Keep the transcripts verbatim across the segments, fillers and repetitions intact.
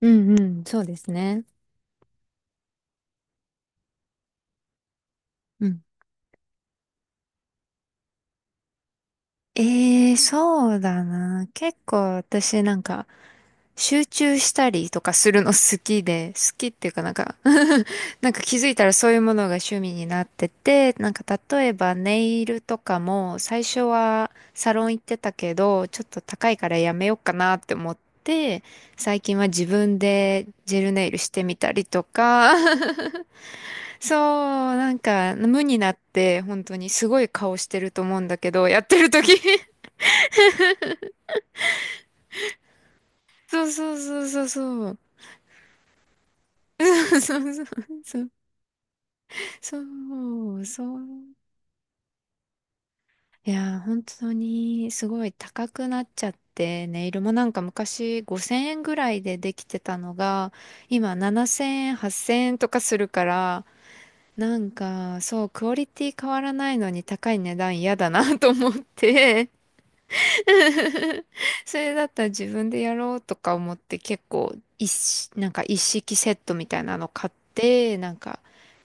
うんうん、そうですね。うん。えーそうだな。結構私なんか集中したりとかするの好きで、好きっていうかなんか なんか気づいたらそういうものが趣味になってて、なんか例えばネイルとかも最初はサロン行ってたけど、ちょっと高いからやめようかなって思って、最近は自分でジェルネイルしてみたりとか そう、なんか無になって本当にすごい顔してると思うんだけど、やってる時 そうそうそうそうそう。そうそうそう。そうそう。いや本当にすごい高くなっちゃって、ネイルもなんか昔ごせんえんぐらいでできてたのが、今ななせんえん、はっせんえんとかするから、なんかそう、クオリティ変わらないのに高い値段嫌だなと思って、それだったら自分でやろうとか思って結構一式、なんか一式セットみたいなの買って、なんか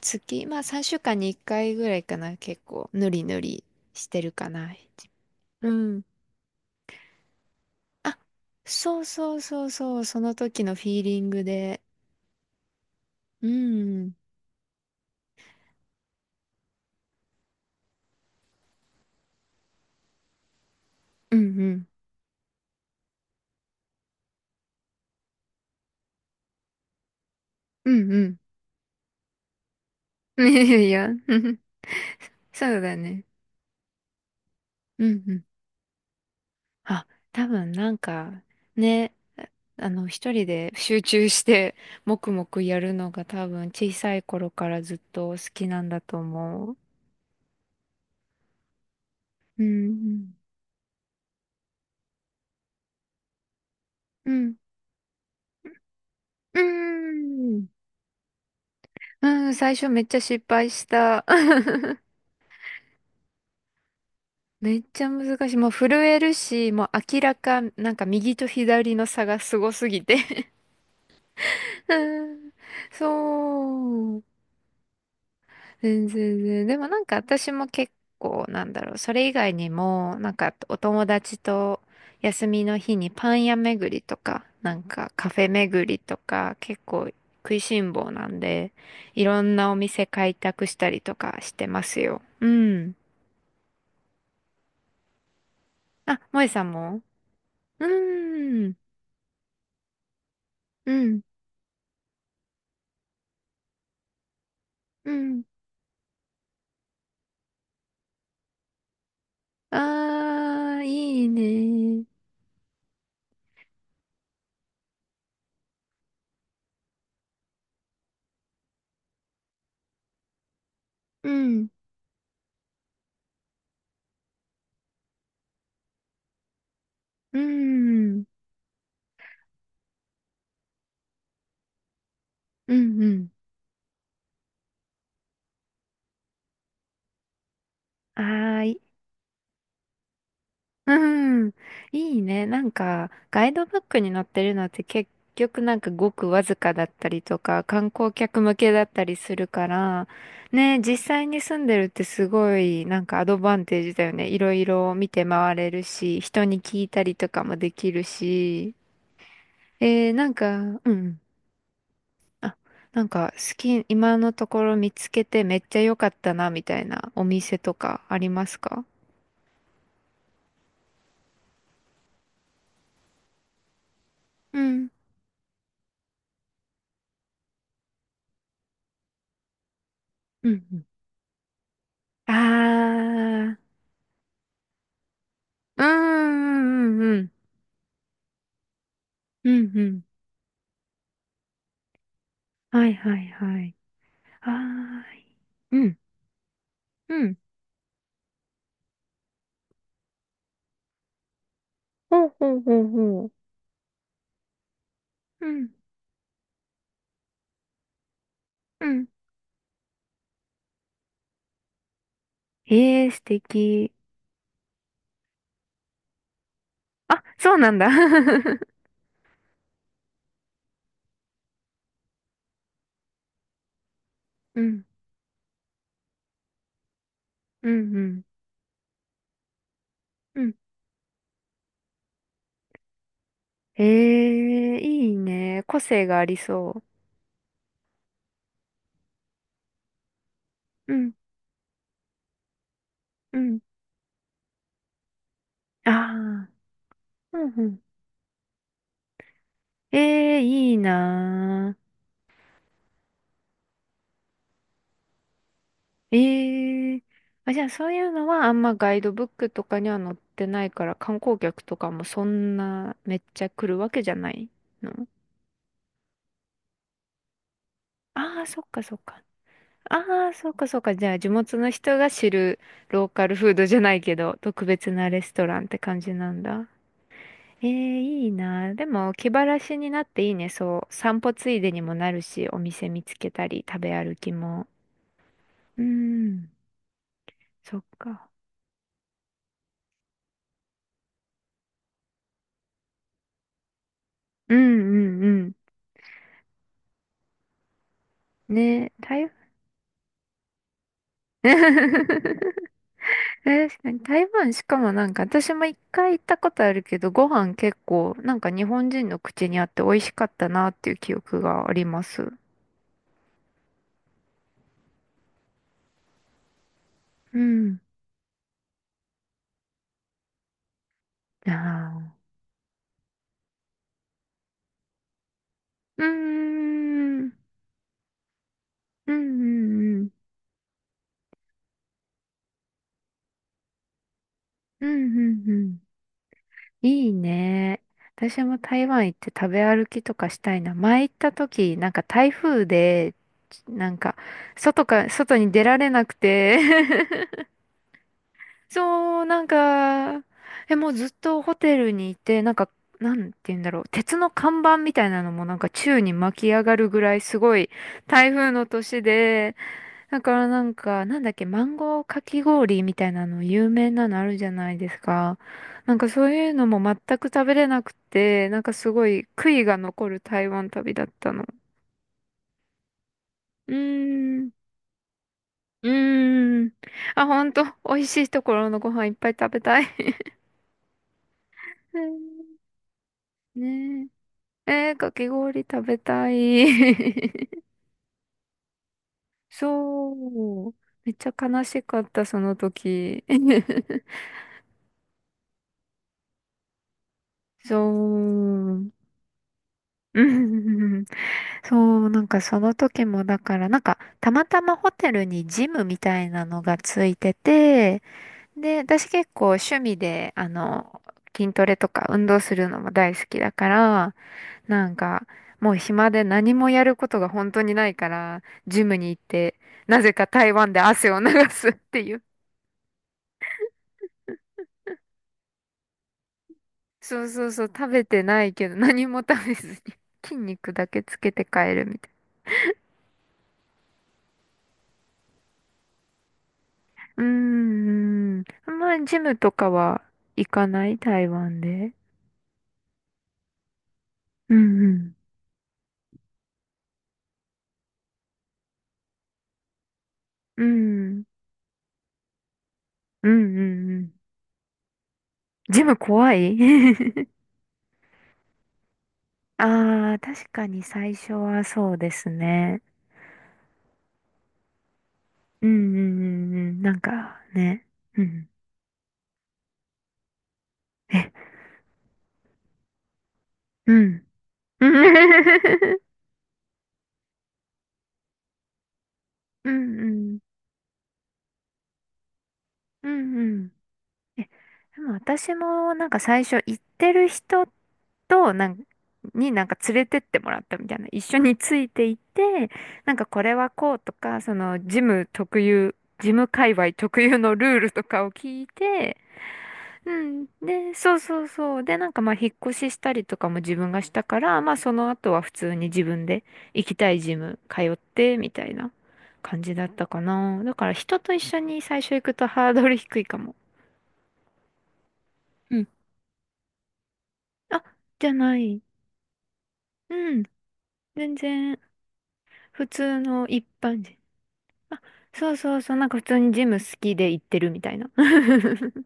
月、まあさんしゅうかんにいっかいぐらいかな、結構ぬりぬりしてるかな。うん。あ、そうそうそうそう、その時のフィーリングで。うん。うんうん。うんうん。いや、そうだね。うんうん。あ、多分なんかね、あの一人で集中して黙々やるのが多分小さい頃からずっと好きなんだと思う。うん、うん、うん、うん、うん。最初めっちゃ失敗した。めっちゃ難しい。もう震えるし、もう明らかなんか右と左の差がすごすぎて うん、そう。全然全然。でもなんか私も結構なんだろう。それ以外にも、なんかお友達と休みの日にパン屋巡りとか、なんかカフェ巡りとか、結構食いしん坊なんで、いろんなお店開拓したりとかしてますよ。うん。あ、萌さんも？うーん。うん。うん。あー、いいね。うん。うん。うんうん。あーいうん。いいね。なんか、ガイドブックに載ってるのって結局なんかごくわずかだったりとか、観光客向けだったりするから、ね、実際に住んでるってすごいなんかアドバンテージだよね。いろいろ見て回れるし、人に聞いたりとかもできるし。えー、なんか、うん。あ、なんか好き、今のところ見つけてめっちゃ良かったな、みたいなお店とかありますか？うん。うんうん。ああ。うーん、うん、うん、うん、うん。はいはい、はい。はーい。うん、うん。ほうほうほうほう。うん、うん。へえ、素敵。あ、そうなんだ。うん、うん、うん、うん。へえ、いいね。個性がありそう。うん、うん。ああ、うん、うん。ええ、いいな。ええ。あ、じゃあそういうのはあんまガイドブックとかには載ってないから観光客とかもそんなめっちゃ来るわけじゃないの？ああー、そっかそっか。ああ、そっかそっか。じゃあ地元の人が知るローカルフードじゃないけど特別なレストランって感じなんだ。ええ、いいな。でも気晴らしになっていいね。そう。散歩ついでにもなるし、お店見つけたり食べ歩きも。うん、そっか。うんうんうん。ね、台 確かに台湾しかもなんか私も一回行ったことあるけどご飯結構なんか日本人の口にあって美味しかったなっていう記憶があります。うん。ああ。うーん。うんうんうん。うんうんうん。いいね。私も台湾行って食べ歩きとかしたいな。前行った時なんか台風でなんか外か、外に出られなくて そう、なんか、え、もうずっとホテルにいて、なんか、なんて言うんだろう、鉄の看板みたいなのもなんか宙に巻き上がるぐらいすごい台風の年で、だからなんか、なんだっけ、マンゴーかき氷みたいなの有名なのあるじゃないですか。なんかそういうのも全く食べれなくて、なんかすごい悔いが残る台湾旅だったの。うーん、うーん。あ、ほんと、美味しいところのご飯いっぱい食べたい。うん。ねえ。えー、かき氷食べたい。そう。めっちゃ悲しかった、その時。そう。うん、そう、なんかその時もだから、なんかたまたまホテルにジムみたいなのがついてて、で、私結構趣味で、あの、筋トレとか運動するのも大好きだから、なんか、もう暇で何もやることが本当にないから、ジムに行って、なぜか台湾で汗を流すっていう。そうそうそう、食べてないけど、何も食べずに、筋肉だけつけて帰るみたいな。うーん、あんまりジムとかは行かない台湾で。うんうん。うん、うんうんうん。ジム怖い。 ああ、確かに最初はそうですね。うんうんうんうん。なんかね。うん。え、うん。うん。 うんうん。うんうん。え、でも私もなんか最初行ってる人となんになんか連れてってもらったみたいな。一緒について行って、なんかこれはこうとか、そのジム特有、ジム界隈特有のルールとかを聞いて、うん。で、そうそうそう。で、なんかまあ、引っ越ししたりとかも自分がしたから、まあ、その後は普通に自分で行きたいジム通って、みたいな感じだったかな。だから人と一緒に最初行くとハードル低いかも。うん。あ、じゃない。うん。全然、普通の一般人。あ、そうそうそう。なんか普通にジム好きで行ってるみたいな。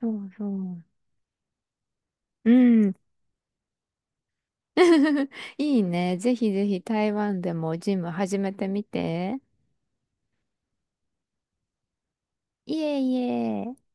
そうそう。うん。いいね。ぜひぜひ台湾でもジム始めてみて。いえいえ。